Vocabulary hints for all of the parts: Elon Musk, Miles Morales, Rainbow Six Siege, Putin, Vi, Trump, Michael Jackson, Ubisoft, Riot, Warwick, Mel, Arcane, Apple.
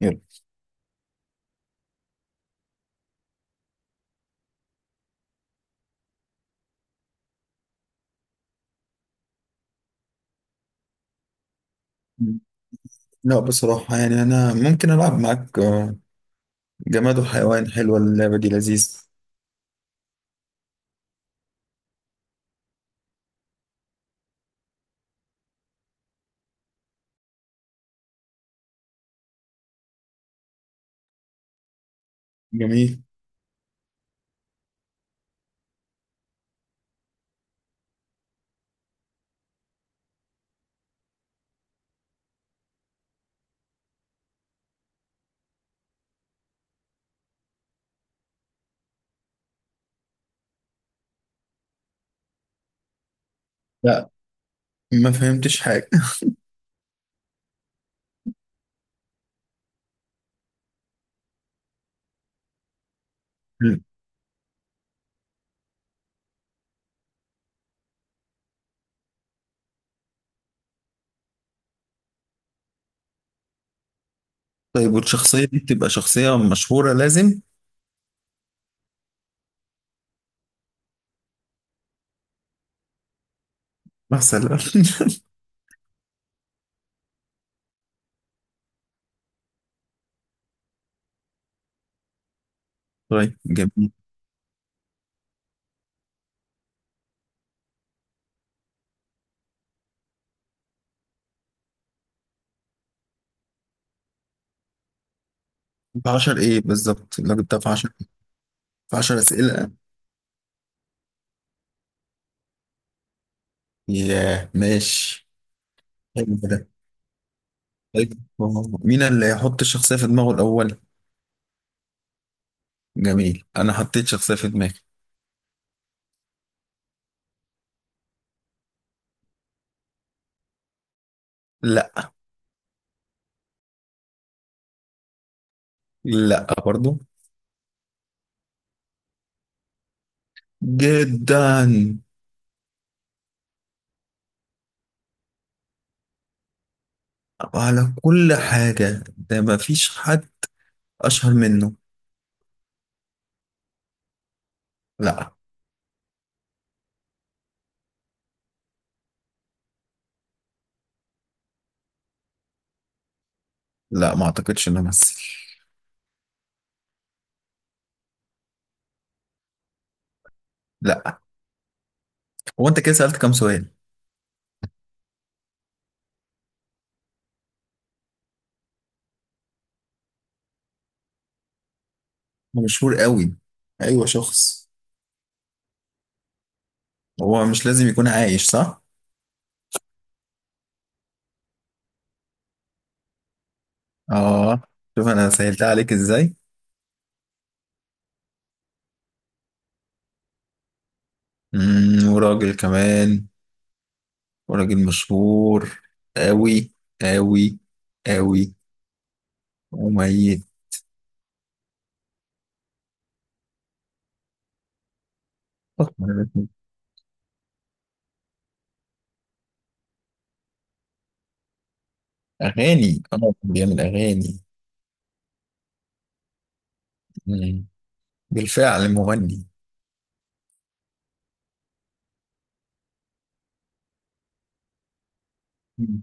يلا. لا بصراحة، أنا ممكن ألعب معاك، جماد وحيوان. حلوة اللعبة دي، لذيذة. جميل. لا، ما فهمتش حاجة. طيب، والشخصية دي بتبقى شخصية مشهورة لازم؟ مثلا؟ طيب جميل. في 10 إيه بالظبط؟ لو جبتها في 10، في 10 أسئلة. ياه، ماشي. حلو كده. طيب، مين اللي هيحط الشخصية في دماغه الأول؟ جميل، أنا حطيت شخصية في دماغي. لا. لا برضو. جدا. على كل حاجة، ده ما فيش حد أشهر منه. لا. لا، ما أعتقدش إنه ممثل. لا. هو أنت كده سألت كام سؤال؟ هو مشهور قوي. أيوة، شخص. هو مش لازم يكون عايش، صح؟ آه. شوف أنا سهلتها عليك إزاي. مم، وراجل كمان. وراجل مشهور قوي، قوي، قوي. وميت. فكر. أغاني، آه كان بيعمل أغاني. مم. بالفعل مغني. مم.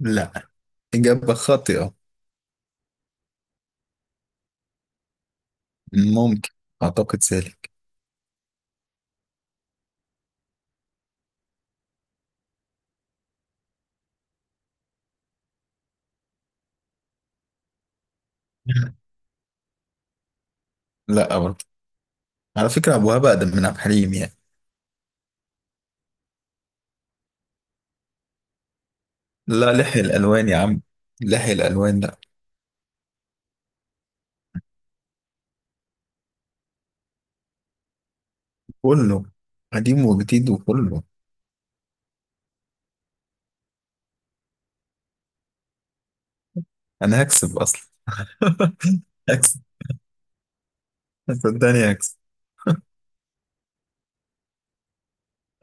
لا، إجابة خاطئة. ممكن، اعتقد سالك. لا برضه. على فكره ابو وهاب اقدم من عبد الحليم يعني. لا، لحي الالوان يا عم، لحي الالوان، لا. كله، قديم وجديد وكله. انا هكسب اصلا. هكسب، صدقني هكسب.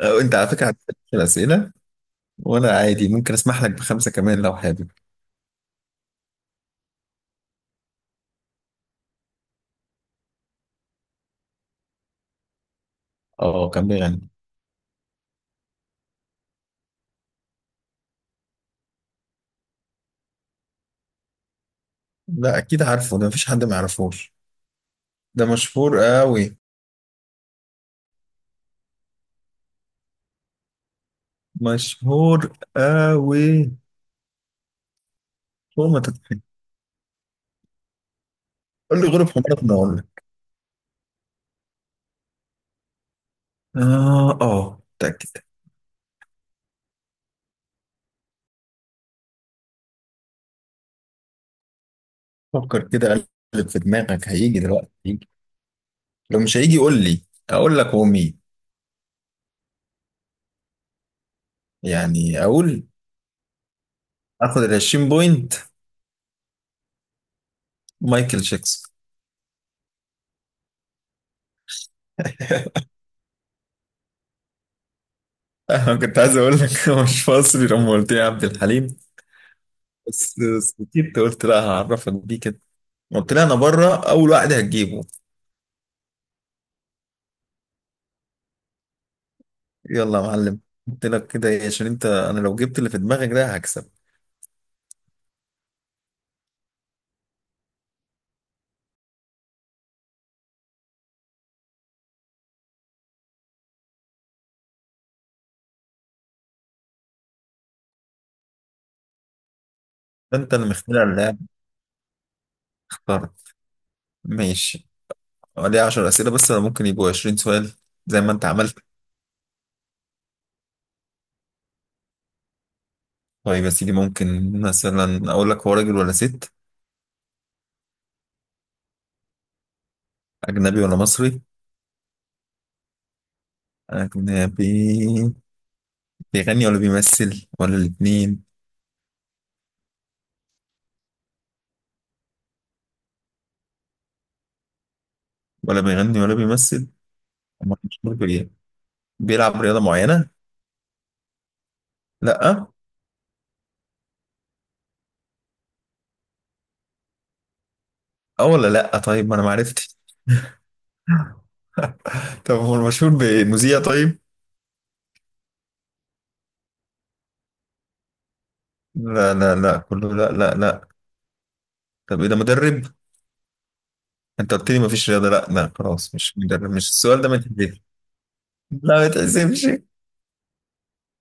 أو انت على فكره هتسال الاسئله، وانا عادي ممكن اسمح لك بخمسه كمان لو حابب. اه كان بيغني. لا، اكيد عارفه. ده مفيش حد ما يعرفوش. ده مشهور قوي. مشهور قوي. فوق ما تتخيل. قول لي غروب حمارك ما اقول لك. اه، اه متاكد. فكر كده، قلب في دماغك، هيجي دلوقتي هيجي. لو مش هيجي قول لي اقول لك هو مين. يعني اقول؟ اخد ال 20 بوينت. مايكل جاكسون. انا كنت عايز اقول لك هو مش مصري لما قلت لي عبد الحليم، بس سكتت، قلت لا هعرفك بيه كده. قلت لي انا بره اول واحد هتجيبه. يلا يا معلم، قلت لك كده عشان انت انا لو جبت اللي في دماغك ده هكسب. انت اللي مخترع اللعب. اخترت. ماشي. ليه 10 اسئله بس، ولا ممكن يبقوا 20 سؤال؟ زي ما انت عملت. طيب يا سيدي، ممكن مثلا اقول لك هو راجل ولا ست؟ اجنبي ولا مصري؟ اجنبي. بيغني ولا بيمثل ولا الاتنين؟ ولا بيغني ولا بيمثل؟ أما مشهور بايه؟ بيلعب رياضة معينة؟ لا اه؟ ولا لا؟ طيب، ما انا ما عرفتش. طب هو المشهور بمذيع طيب؟ لا، لا كله، لا لا. طب ايه ده، مدرب؟ انت قلت لي ما فيش رياضة، لا خلاص مش مدرب، مش السؤال ده، ما يتحسبش. لا ما يتحسبش.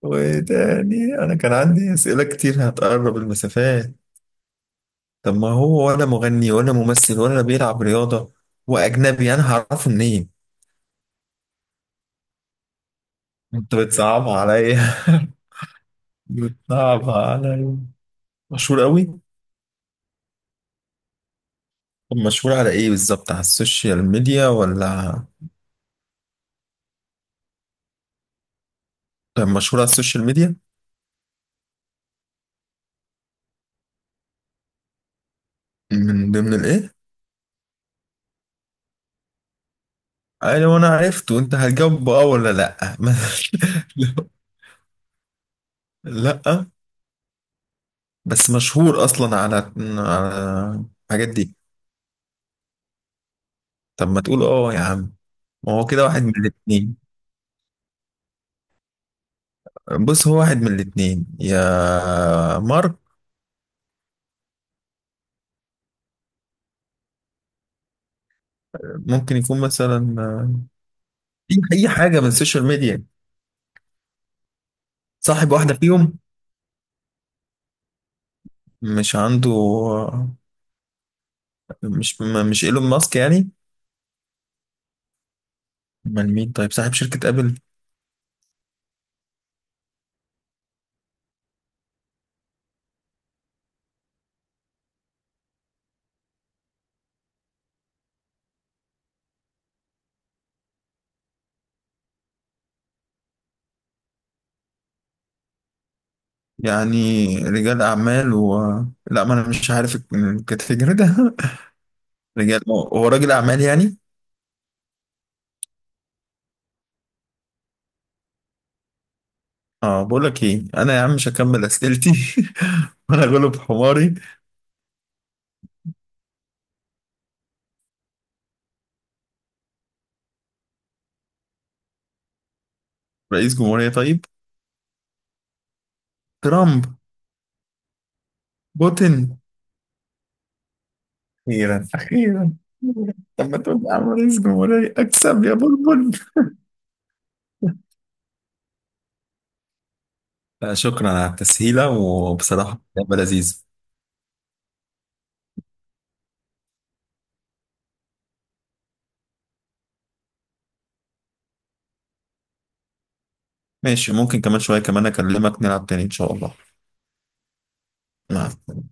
وتاني، انا كان عندي اسئلة كتير هتقرب المسافات. طب ما هو ولا مغني ولا ممثل ولا بيلعب رياضة، وأجنبي، أنا هعرفه منين؟ أنت بتصعبها عليا. بتصعبها عليا. مشهور قوي؟ طب مشهور على إيه بالظبط؟ على السوشيال ميديا ولا؟ طب مشهور على السوشيال ميديا؟ من ضمن الإيه؟ أيوة أنا عرفت، وأنت هتجاوب بأه ولا لأ؟ لأ. بس مشهور أصلا على، على الحاجات دي. طب ما تقول أه يا عم، ما هو كده واحد من الاتنين. بص هو واحد من الاتنين، يا مارك. ممكن يكون مثلا في اي حاجه من السوشيال ميديا، صاحب واحده فيهم؟ مش عنده مش ايلون ماسك يعني؟ امال مين طيب، صاحب شركه ابل؟ يعني رجال اعمال و... لا ما انا مش عارف الكاتيجوري ده. رجال، هو راجل اعمال يعني؟ اه، بقول لك ايه انا يا عم، مش هكمل اسئلتي. وانا غلب حماري. رئيس جمهوريه طيب؟ ترامب؟ بوتين؟ أخيرا، أخيرا. طب ما تقول يا عم رئيس جمهورية، أكسب يا بلبل. لا شكرا على التسهيلة، وبصراحة لعبة لذيذة. ماشي، ممكن كمان شوية كمان أكلمك نلعب تاني إن شاء الله. مع.